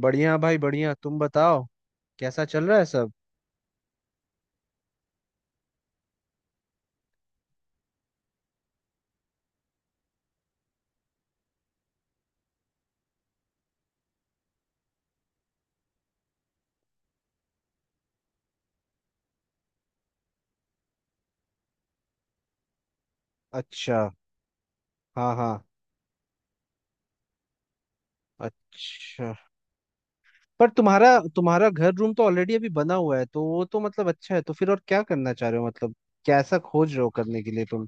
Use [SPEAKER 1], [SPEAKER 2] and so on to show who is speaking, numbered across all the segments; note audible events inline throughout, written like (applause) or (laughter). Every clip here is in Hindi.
[SPEAKER 1] बढ़िया भाई बढ़िया। तुम बताओ कैसा चल रहा है सब? अच्छा। हाँ हाँ। अच्छा। पर तुम्हारा तुम्हारा घर रूम तो ऑलरेडी अभी बना हुआ है, तो वो तो मतलब अच्छा है, तो फिर और क्या करना चाह रहे हो मतलब? कैसा खोज रहे हो करने के लिए तुम?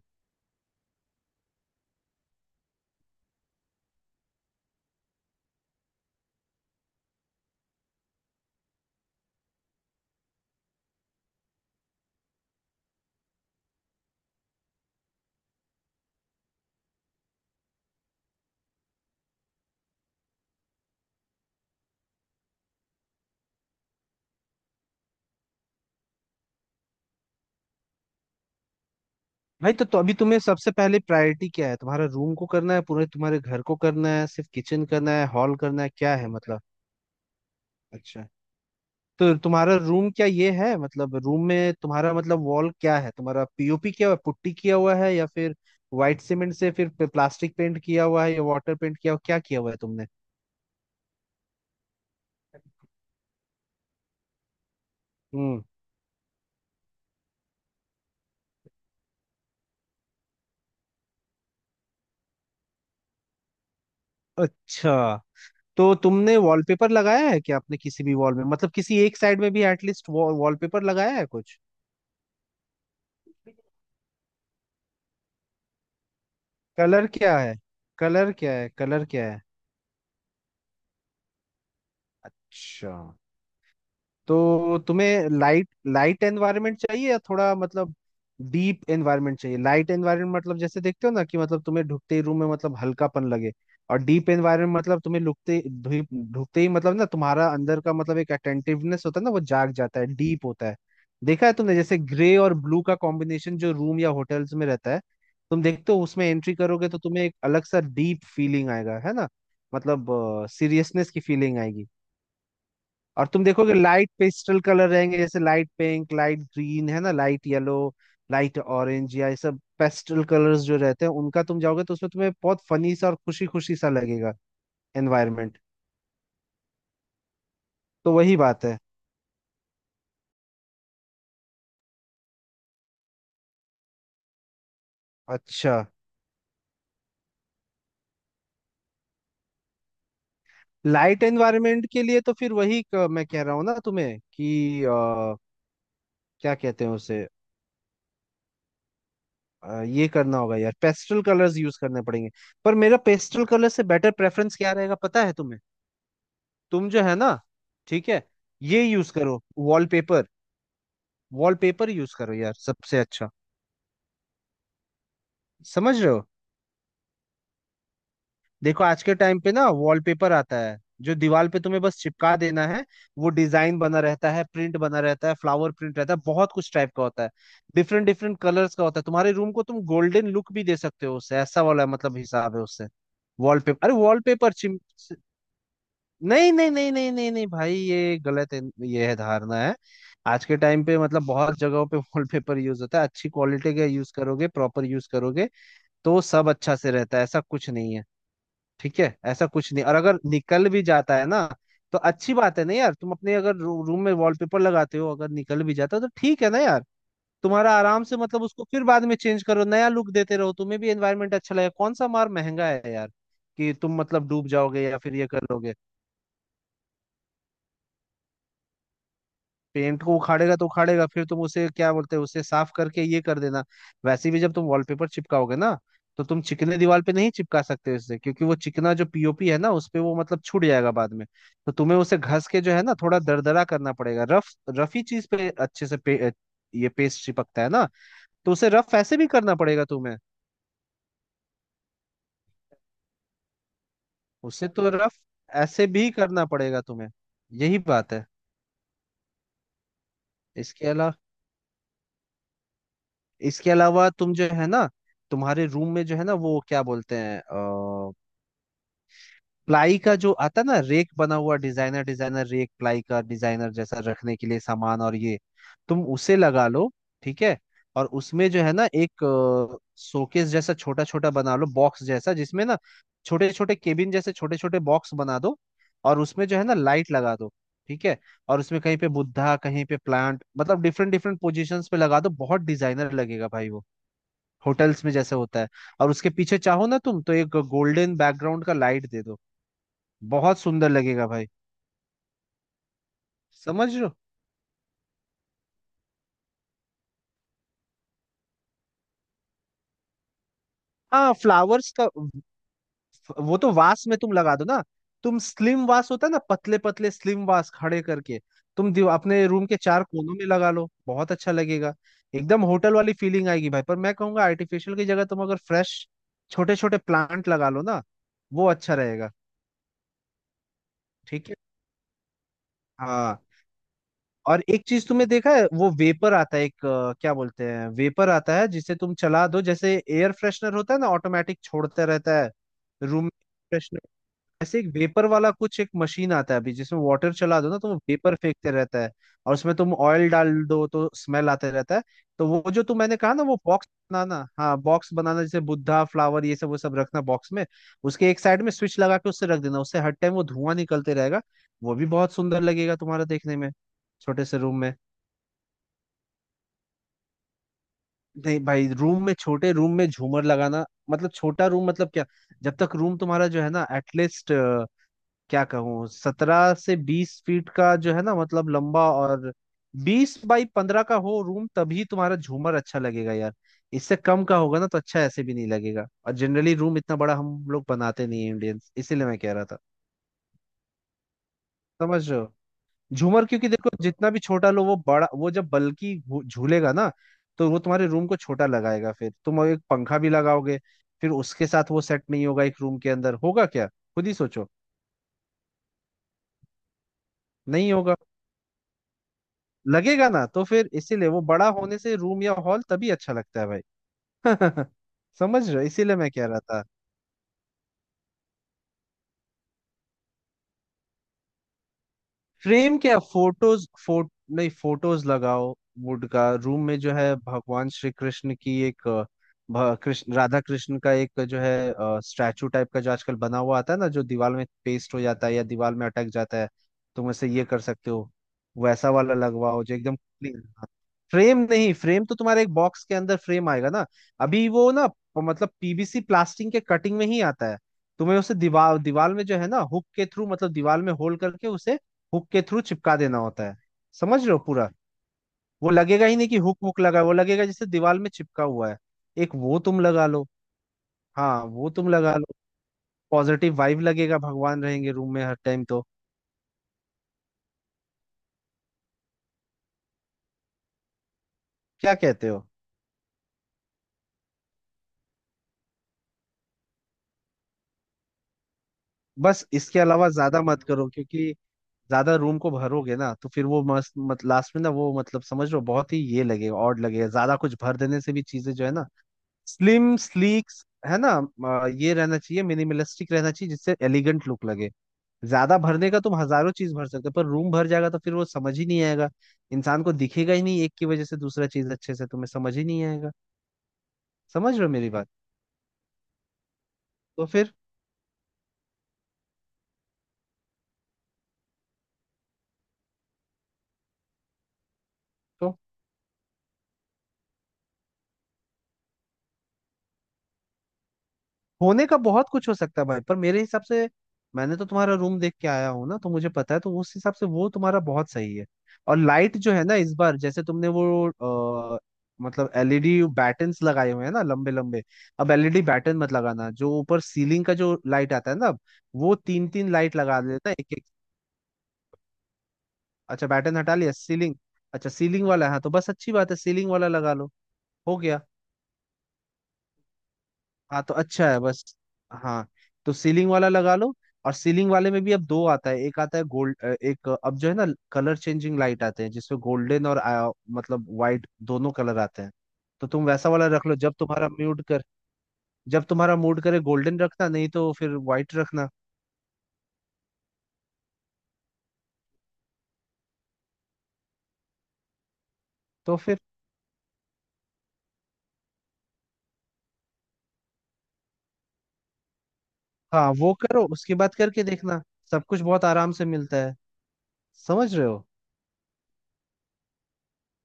[SPEAKER 1] भाई तो अभी तुम्हें सबसे पहले प्रायोरिटी क्या है? तुम्हारा रूम को करना है, पूरे तुम्हारे घर को करना है, सिर्फ किचन करना है, हॉल करना है, क्या है मतलब? अच्छा। तो तुम्हारा रूम क्या ये है मतलब, रूम में तुम्हारा मतलब वॉल क्या है तुम्हारा? पीओपी क्या हुआ, पुट्टी किया हुआ है, या फिर व्हाइट सीमेंट से फिर प्लास्टिक पेंट किया हुआ है, या वाटर पेंट किया हुआ, क्या किया हुआ है तुमने? हम्म। अच्छा। तो तुमने वॉलपेपर लगाया है क्या? आपने किसी भी वॉल में मतलब किसी एक साइड में भी एटलीस्ट वॉलपेपर लगाया है कुछ? कलर क्या है? कलर क्या है? कलर क्या है? अच्छा। तो तुम्हें लाइट लाइट एनवायरनमेंट चाहिए या थोड़ा मतलब डीप एनवायरनमेंट चाहिए? लाइट एनवायरनमेंट मतलब जैसे देखते हो ना कि मतलब तुम्हें ढुकते ही रूम में मतलब हल्कापन लगे। और डीप एनवायरनमेंट मतलब तुम्हें लुकते ढुकते ही मतलब ना तुम्हारा अंदर का मतलब एक अटेंटिवनेस होता है ना, वो जाग जाता है, डीप होता है। देखा है तुमने जैसे ग्रे और ब्लू का कॉम्बिनेशन जो रूम या होटल्स में रहता है, तुम देखते हो उसमें एंट्री करोगे तो तुम्हें एक अलग सा डीप फीलिंग आएगा, है ना? मतलब सीरियसनेस की फीलिंग आएगी। और तुम देखोगे लाइट पेस्टल कलर रहेंगे जैसे लाइट पिंक, लाइट ग्रीन, है ना, लाइट येलो, लाइट ऑरेंज, या ये सब पेस्टल कलर्स जो रहते हैं, उनका तुम जाओगे तो उसमें तुम्हें बहुत फनी सा और खुशी खुशी सा लगेगा एनवायरनमेंट। तो वही बात है। अच्छा। लाइट एनवायरनमेंट के लिए तो फिर वही मैं कह रहा हूँ ना तुम्हें कि क्या कहते हैं उसे, ये करना होगा यार, पेस्टल कलर्स यूज करने पड़ेंगे। पर मेरा पेस्टल कलर से बेटर प्रेफरेंस क्या रहेगा पता है तुम्हें? तुम जो है ना, ठीक है, ये यूज करो वॉलपेपर। वॉलपेपर यूज करो यार, सबसे अच्छा। समझ रहे हो? देखो आज के टाइम पे ना वॉलपेपर आता है जो दीवार पे तुम्हें बस चिपका देना है। वो डिजाइन बना रहता है, प्रिंट बना रहता है, फ्लावर प्रिंट रहता है, बहुत कुछ टाइप का होता है। डिफरेंट डिफरेंट कलर्स का होता है। तुम्हारे रूम को तुम गोल्डन लुक भी दे सकते हो उससे, ऐसा वाला मतलब हिसाब है उससे। वॉलपेपर, अरे वॉलपेपर चिम, नहीं नहीं नहीं नहीं नहीं नहीं भाई, ये गलत है। ये है, धारणा है। आज के टाइम पे मतलब बहुत जगहों पे (laughs) वॉलपेपर यूज होता है। अच्छी क्वालिटी का यूज करोगे, प्रॉपर यूज करोगे, तो सब अच्छा से रहता है। ऐसा कुछ नहीं है, ठीक है, ऐसा कुछ नहीं। और अगर निकल भी जाता है ना, तो अच्छी बात है ना यार। तुम अपने अगर रूम में वॉलपेपर लगाते हो, अगर निकल भी जाता है तो ठीक है ना यार। तुम्हारा आराम से मतलब उसको फिर बाद में चेंज करो, नया लुक देते रहो, तुम्हें भी एनवायरनमेंट अच्छा लगेगा। कौन सा मार महंगा है यार कि तुम मतलब डूब जाओगे या फिर ये कर लोगे? पेंट को उखाड़ेगा तो उखाड़ेगा, फिर तुम उसे क्या बोलते हैं, उसे साफ करके ये कर देना। वैसे भी जब तुम वॉलपेपर चिपकाओगे ना, तो तुम चिकने दीवार पे नहीं चिपका सकते उससे, क्योंकि वो चिकना जो पीओपी है ना उस पे वो मतलब छूट जाएगा बाद में। तो तुम्हें उसे घस के जो है ना थोड़ा दरदरा करना पड़ेगा, रफ। रफ ही चीज पे अच्छे से ये पेस्ट चिपकता है ना। तो उसे रफ ऐसे भी करना पड़ेगा तुम्हें। उसे तो रफ ऐसे भी करना पड़ेगा तुम्हें, यही बात है। इसके अलावा, इसके अलावा तुम जो है ना, तुम्हारे रूम में जो है ना वो क्या बोलते हैं, प्लाई का जो आता ना, रेक बना हुआ डिजाइनर डिजाइनर रेक, प्लाई का डिजाइनर, जैसा रखने के लिए सामान और ये, तुम उसे लगा लो। ठीक है। और उसमें जो है ना एक शोकेस जैसा छोटा छोटा बना लो, बॉक्स जैसा जिसमें ना छोटे छोटे केबिन जैसे छोटे छोटे बॉक्स बना दो, और उसमें जो है ना लाइट लगा दो। ठीक है। और उसमें कहीं पे बुद्धा, कहीं पे प्लांट, मतलब डिफरेंट डिफरेंट पोजीशंस पे लगा दो, बहुत डिजाइनर लगेगा भाई वो। होटल्स में जैसे होता है। और उसके पीछे चाहो ना तुम तो एक गोल्डन बैकग्राउंड का लाइट दे दो, बहुत सुंदर लगेगा भाई। समझ रहे हो? हाँ फ्लावर्स का वो तो वास में तुम लगा दो ना। तुम स्लिम वास होता है ना, पतले पतले स्लिम वास खड़े करके तुम अपने रूम के चार कोनों में लगा लो, बहुत अच्छा लगेगा। एकदम होटल वाली फीलिंग आएगी भाई। पर मैं कहूंगा आर्टिफिशियल की जगह तुम अगर फ्रेश छोटे छोटे प्लांट लगा लो ना, वो अच्छा रहेगा। ठीक है। हाँ। और एक चीज तुमने देखा है, वो वेपर आता है एक, क्या बोलते हैं, वेपर आता है जिसे तुम चला दो, जैसे एयर फ्रेशनर होता है ना, ऑटोमेटिक छोड़ता रहता है रूम में। ऐसे एक वेपर वाला कुछ एक मशीन आता है अभी, जिसमें वाटर चला दो ना तो वो वेपर फेंकते रहता है। और उसमें तुम ऑयल डाल दो तो स्मेल आते रहता है। तो वो जो तुम, मैंने कहा ना वो बॉक्स बनाना, हाँ बॉक्स बनाना जैसे बुद्धा फ्लावर ये सब वो सब रखना बॉक्स में, उसके एक साइड में स्विच लगा के उससे रख देना, उससे हर टाइम वो धुआं निकलते रहेगा। वो भी बहुत सुंदर लगेगा तुम्हारा देखने में, छोटे से रूम में। नहीं भाई रूम में, छोटे रूम में झूमर लगाना मतलब, छोटा रूम मतलब क्या? जब तक रूम तुम्हारा जो है ना एटलीस्ट क्या कहूँ 17 से 20 फीट का जो है ना मतलब लंबा, और 20 बाई 15 का हो रूम तभी तुम्हारा झूमर अच्छा लगेगा यार। इससे कम का होगा ना तो अच्छा ऐसे भी नहीं लगेगा, और जनरली रूम इतना बड़ा हम लोग बनाते नहीं है इंडियंस, इसीलिए मैं कह रहा था। समझ रहे हो? झूमर क्योंकि देखो जितना भी छोटा लो वो बड़ा, वो जब बल्कि झूलेगा ना, तो वो तुम्हारे रूम को छोटा लगाएगा। फिर तुम एक पंखा भी लगाओगे, फिर उसके साथ वो सेट नहीं होगा एक रूम के अंदर, होगा क्या खुद ही सोचो, नहीं होगा। लगेगा ना, तो फिर इसीलिए वो बड़ा होने से रूम या हॉल तभी अच्छा लगता है भाई। (laughs) समझ रहे हो? इसीलिए मैं कह रहा था। फ्रेम क्या, फोटोज, फोट नहीं फोटोज लगाओ। वुड का रूम में जो है भगवान श्री कृष्ण की एक, कृष्ण, राधा कृष्ण का एक जो है स्टैचू टाइप का जो आजकल बना हुआ आता है ना, जो दीवार में पेस्ट हो जाता है या दीवार में अटक जाता है, तुम ऐसे ये कर सकते हो। वैसा वाला लगवाओ जो एकदम क्लीन। फ्रेम नहीं, फ्रेम तो तुम्हारे एक बॉक्स के अंदर फ्रेम आएगा ना। अभी वो ना मतलब पीवीसी प्लास्टिक के कटिंग में ही आता है। तुम्हें उसे दीवार दीवार में जो है ना हुक के थ्रू, मतलब दीवार में होल करके उसे हुक के थ्रू चिपका देना होता है। समझ रहे हो पूरा? वो लगेगा ही नहीं कि हुक हुक लगा है, वो लगेगा जैसे दीवार में चिपका हुआ है। एक वो तुम लगा लो। हाँ वो तुम लगा लो, पॉजिटिव वाइब लगेगा, भगवान रहेंगे रूम में हर टाइम तो। क्या कहते हो? बस इसके अलावा ज्यादा मत करो, क्योंकि ज्यादा रूम को भरोगे ना तो फिर वो मस्त मत, लास्ट में ना वो मतलब समझ लो बहुत ही ये लगेगा, ऑड लगेगा ज्यादा कुछ भर देने से भी। चीजें जो है ना स्लिम स्लीक, है ना, ये रहना चाहिए, मिनिमलिस्टिक रहना चाहिए जिससे एलिगेंट लुक लगे। ज्यादा भरने का तुम हजारों चीज भर सकते हो पर रूम भर जाएगा तो फिर वो समझ ही नहीं आएगा। इंसान को दिखेगा ही नहीं, एक की वजह से दूसरा चीज अच्छे से तुम्हें समझ ही नहीं आएगा। समझ रहे हो मेरी बात? तो फिर, तो होने का बहुत कुछ हो सकता है भाई, पर मेरे हिसाब से मैंने तो तुम्हारा रूम देख के आया हूँ ना तो मुझे पता है, तो उस हिसाब से वो तुम्हारा बहुत सही है। और लाइट जो है ना इस बार जैसे तुमने वो, अ, मतलब एलईडी बैटन्स लगाए हुए हैं ना लंबे लंबे, अब एलईडी बैटन मत लगाना। जो ऊपर सीलिंग का जो लाइट आता है ना अब, वो तीन तीन लाइट लगा देना एक एक। अच्छा बैटन हटा लिया, सीलिंग। अच्छा सीलिंग वाला है, हाँ, तो बस अच्छी बात है, सीलिंग वाला लगा लो, हो गया। हाँ तो अच्छा है बस। हाँ तो सीलिंग वाला लगा लो। और सीलिंग वाले में भी अब दो आता है, एक आता है गोल्ड, एक अब जो है ना कलर चेंजिंग लाइट आते हैं जिसमें गोल्डन और मतलब वाइट दोनों कलर आते हैं। तो तुम वैसा वाला रख लो जब तुम्हारा मूड कर, जब तुम्हारा मूड करे गोल्डन रखना, नहीं तो फिर वाइट रखना। तो फिर हाँ वो करो उसके बाद करके देखना, सब कुछ बहुत आराम से मिलता है। समझ रहे हो?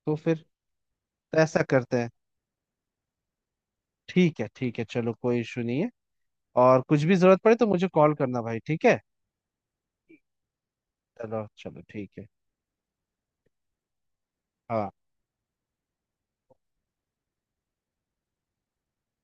[SPEAKER 1] तो फिर ऐसा करते हैं। ठीक है ठीक है, चलो कोई इशू नहीं है। और कुछ भी जरूरत पड़े तो मुझे कॉल करना भाई, ठीक है? चलो चलो ठीक है। हाँ।